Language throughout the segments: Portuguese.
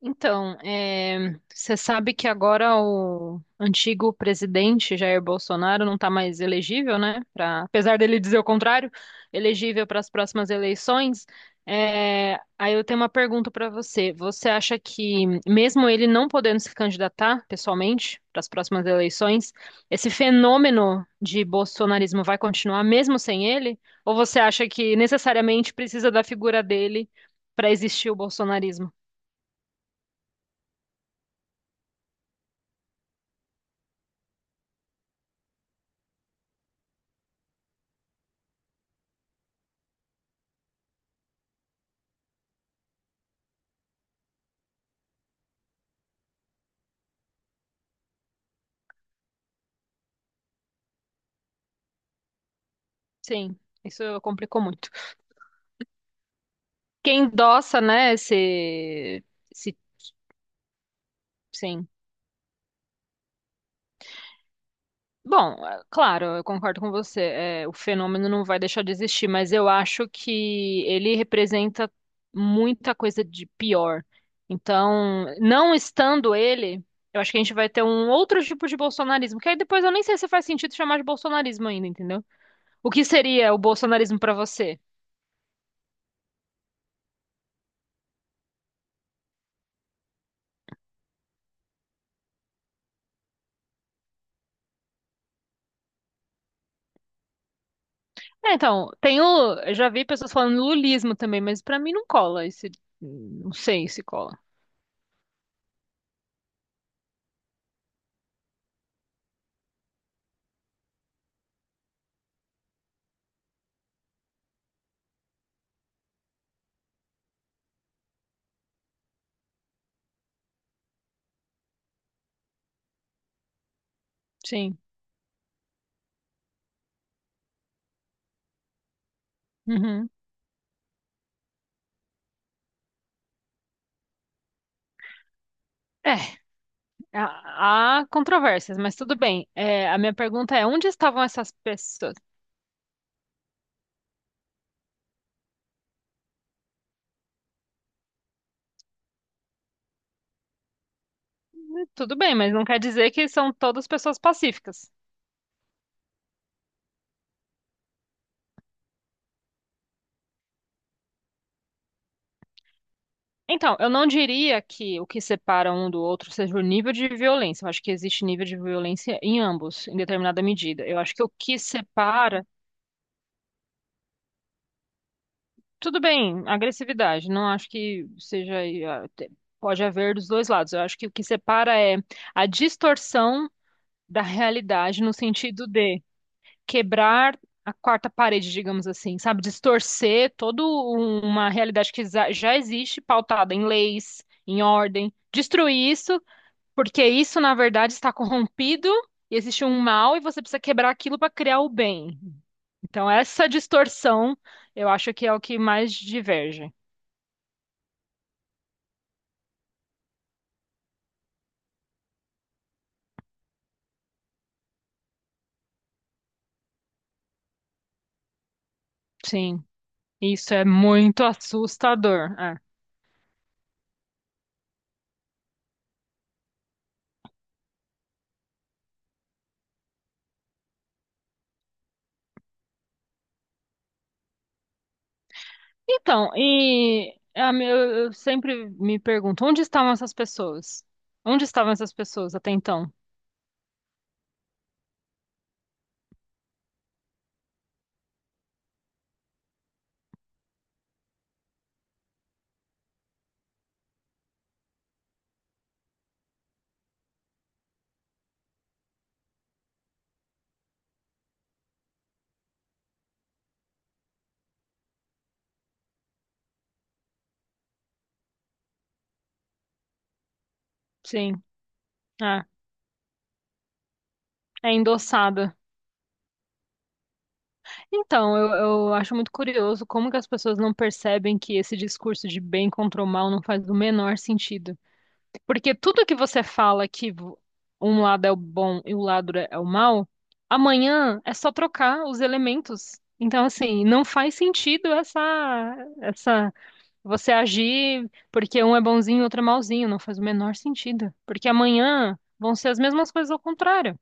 Então, você sabe que agora o antigo presidente Jair Bolsonaro não está mais elegível, né? Pra, apesar dele dizer o contrário, elegível para as próximas eleições. Aí eu tenho uma pergunta para você. Você acha que, mesmo ele não podendo se candidatar pessoalmente para as próximas eleições, esse fenômeno de bolsonarismo vai continuar mesmo sem ele? Ou você acha que necessariamente precisa da figura dele para existir o bolsonarismo? Sim, isso complicou muito. Quem endossa, né, esse, sim. Bom, claro, eu concordo com você. O fenômeno não vai deixar de existir, mas eu acho que ele representa muita coisa de pior. Então, não estando ele, eu acho que a gente vai ter um outro tipo de bolsonarismo, que aí depois eu nem sei se faz sentido chamar de bolsonarismo ainda, entendeu? O que seria o bolsonarismo para você? É, então, eu já vi pessoas falando lulismo também, mas pra mim não cola esse, não sei se cola. Sim. Uhum. É, há controvérsias, mas tudo bem. É, a minha pergunta é, onde estavam essas pessoas? Tudo bem, mas não quer dizer que são todas pessoas pacíficas. Então, eu não diria que o que separa um do outro seja o nível de violência. Eu acho que existe nível de violência em ambos, em determinada medida. Eu acho que o que separa. Tudo bem, agressividade. Não acho que seja. ah, te- Pode haver dos dois lados. Eu acho que o que separa é a distorção da realidade, no sentido de quebrar a quarta parede, digamos assim, sabe? Distorcer toda uma realidade que já existe, pautada em leis, em ordem. Destruir isso, porque isso, na verdade, está corrompido e existe um mal e você precisa quebrar aquilo para criar o bem. Então, essa distorção, eu acho que é o que mais diverge. Sim, isso é muito assustador. É. Então, e a me- eu sempre me pergunto, onde estavam essas pessoas? Onde estavam essas pessoas até então? Sim, é, é endossada. Então, eu acho muito curioso como que as pessoas não percebem que esse discurso de bem contra o mal não faz o menor sentido. Porque tudo que você fala que um lado é o bom e o lado é o mal, amanhã é só trocar os elementos. Então, assim, não faz sentido essa, você agir porque um é bonzinho e outro é malzinho. Não faz o menor sentido. Porque amanhã vão ser as mesmas coisas ao contrário.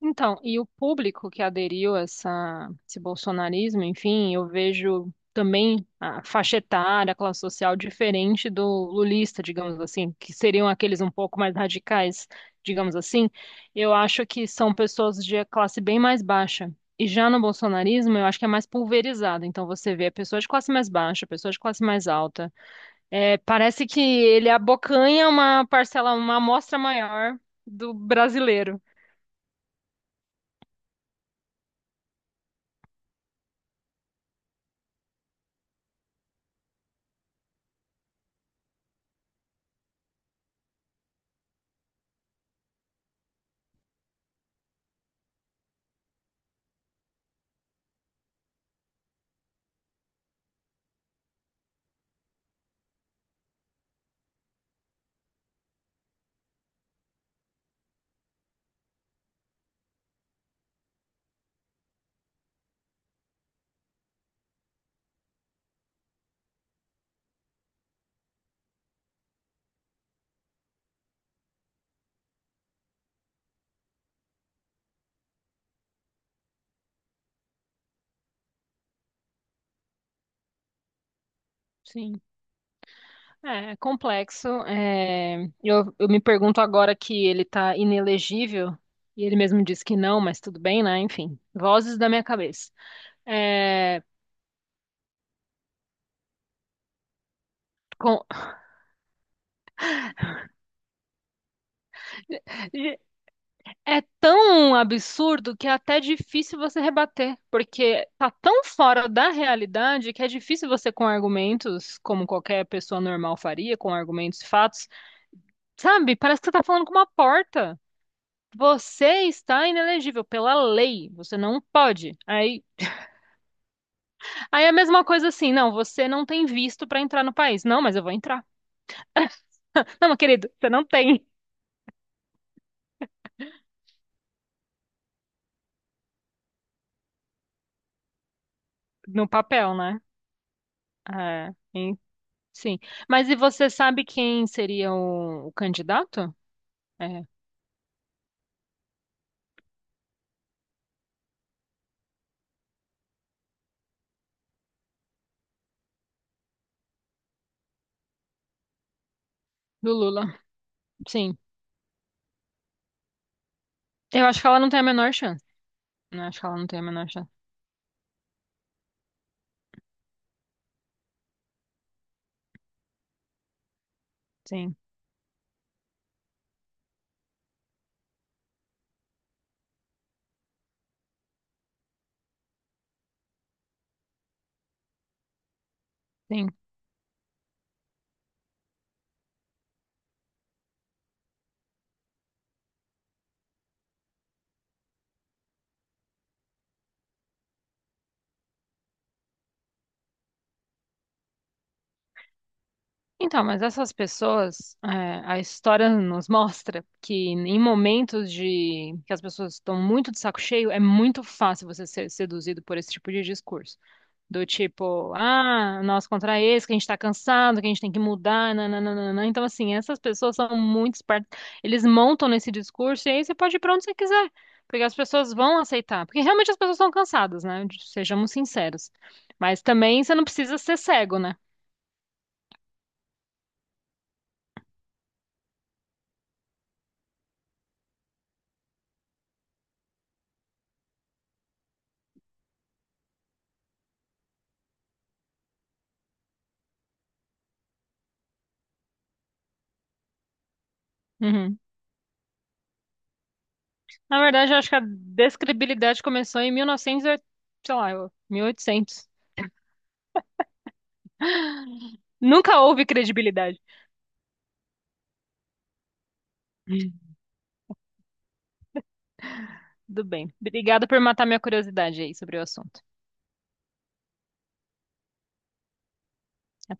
Então, e o público que aderiu a essa, esse bolsonarismo, enfim, eu vejo também a faixa etária, a classe social diferente do lulista, digamos assim, que seriam aqueles um pouco mais radicais, digamos assim. Eu acho que são pessoas de classe bem mais baixa. E já no bolsonarismo, eu acho que é mais pulverizado. Então, você vê pessoas de classe mais baixa, pessoas de classe mais alta. É, parece que ele abocanha uma parcela, uma amostra maior do brasileiro. Sim. É, é complexo. É, eu me pergunto agora que ele tá inelegível, e ele mesmo disse que não, mas tudo bem, né? Enfim, vozes da minha cabeça. É, com- é tão absurdo que é até difícil você rebater, porque tá tão fora da realidade que é difícil você, com argumentos, como qualquer pessoa normal faria, com argumentos e fatos, sabe? Parece que você tá falando com uma porta. Você está inelegível pela lei, você não pode. Aí. Aí é a mesma coisa assim, não, você não tem visto pra entrar no país. Não, mas eu vou entrar. Não, meu querido, você não tem no papel, né? É, sim. Mas e você sabe quem seria o candidato? É, do Lula. Sim. Eu acho que ela não tem a menor chance. Eu acho que ela não tem a menor chance. Sim, sim. Então, mas essas pessoas, é, a história nos mostra que em momentos de que as pessoas estão muito de saco cheio, é muito fácil você ser seduzido por esse tipo de discurso. Do tipo, ah, nós contra esse, que a gente tá cansado, que a gente tem que mudar, nananana. Então, assim, essas pessoas são muito espertas. Eles montam nesse discurso e aí você pode ir pra onde você quiser. Porque as pessoas vão aceitar. Porque realmente as pessoas estão cansadas, né? Sejamos sinceros. Mas também você não precisa ser cego, né? Uhum. Na verdade, eu acho que a descredibilidade começou em 1900, novecentos, sei lá, 1800. Nunca houve credibilidade. Hum. Tudo bem. Obrigada por matar minha curiosidade aí sobre o assunto.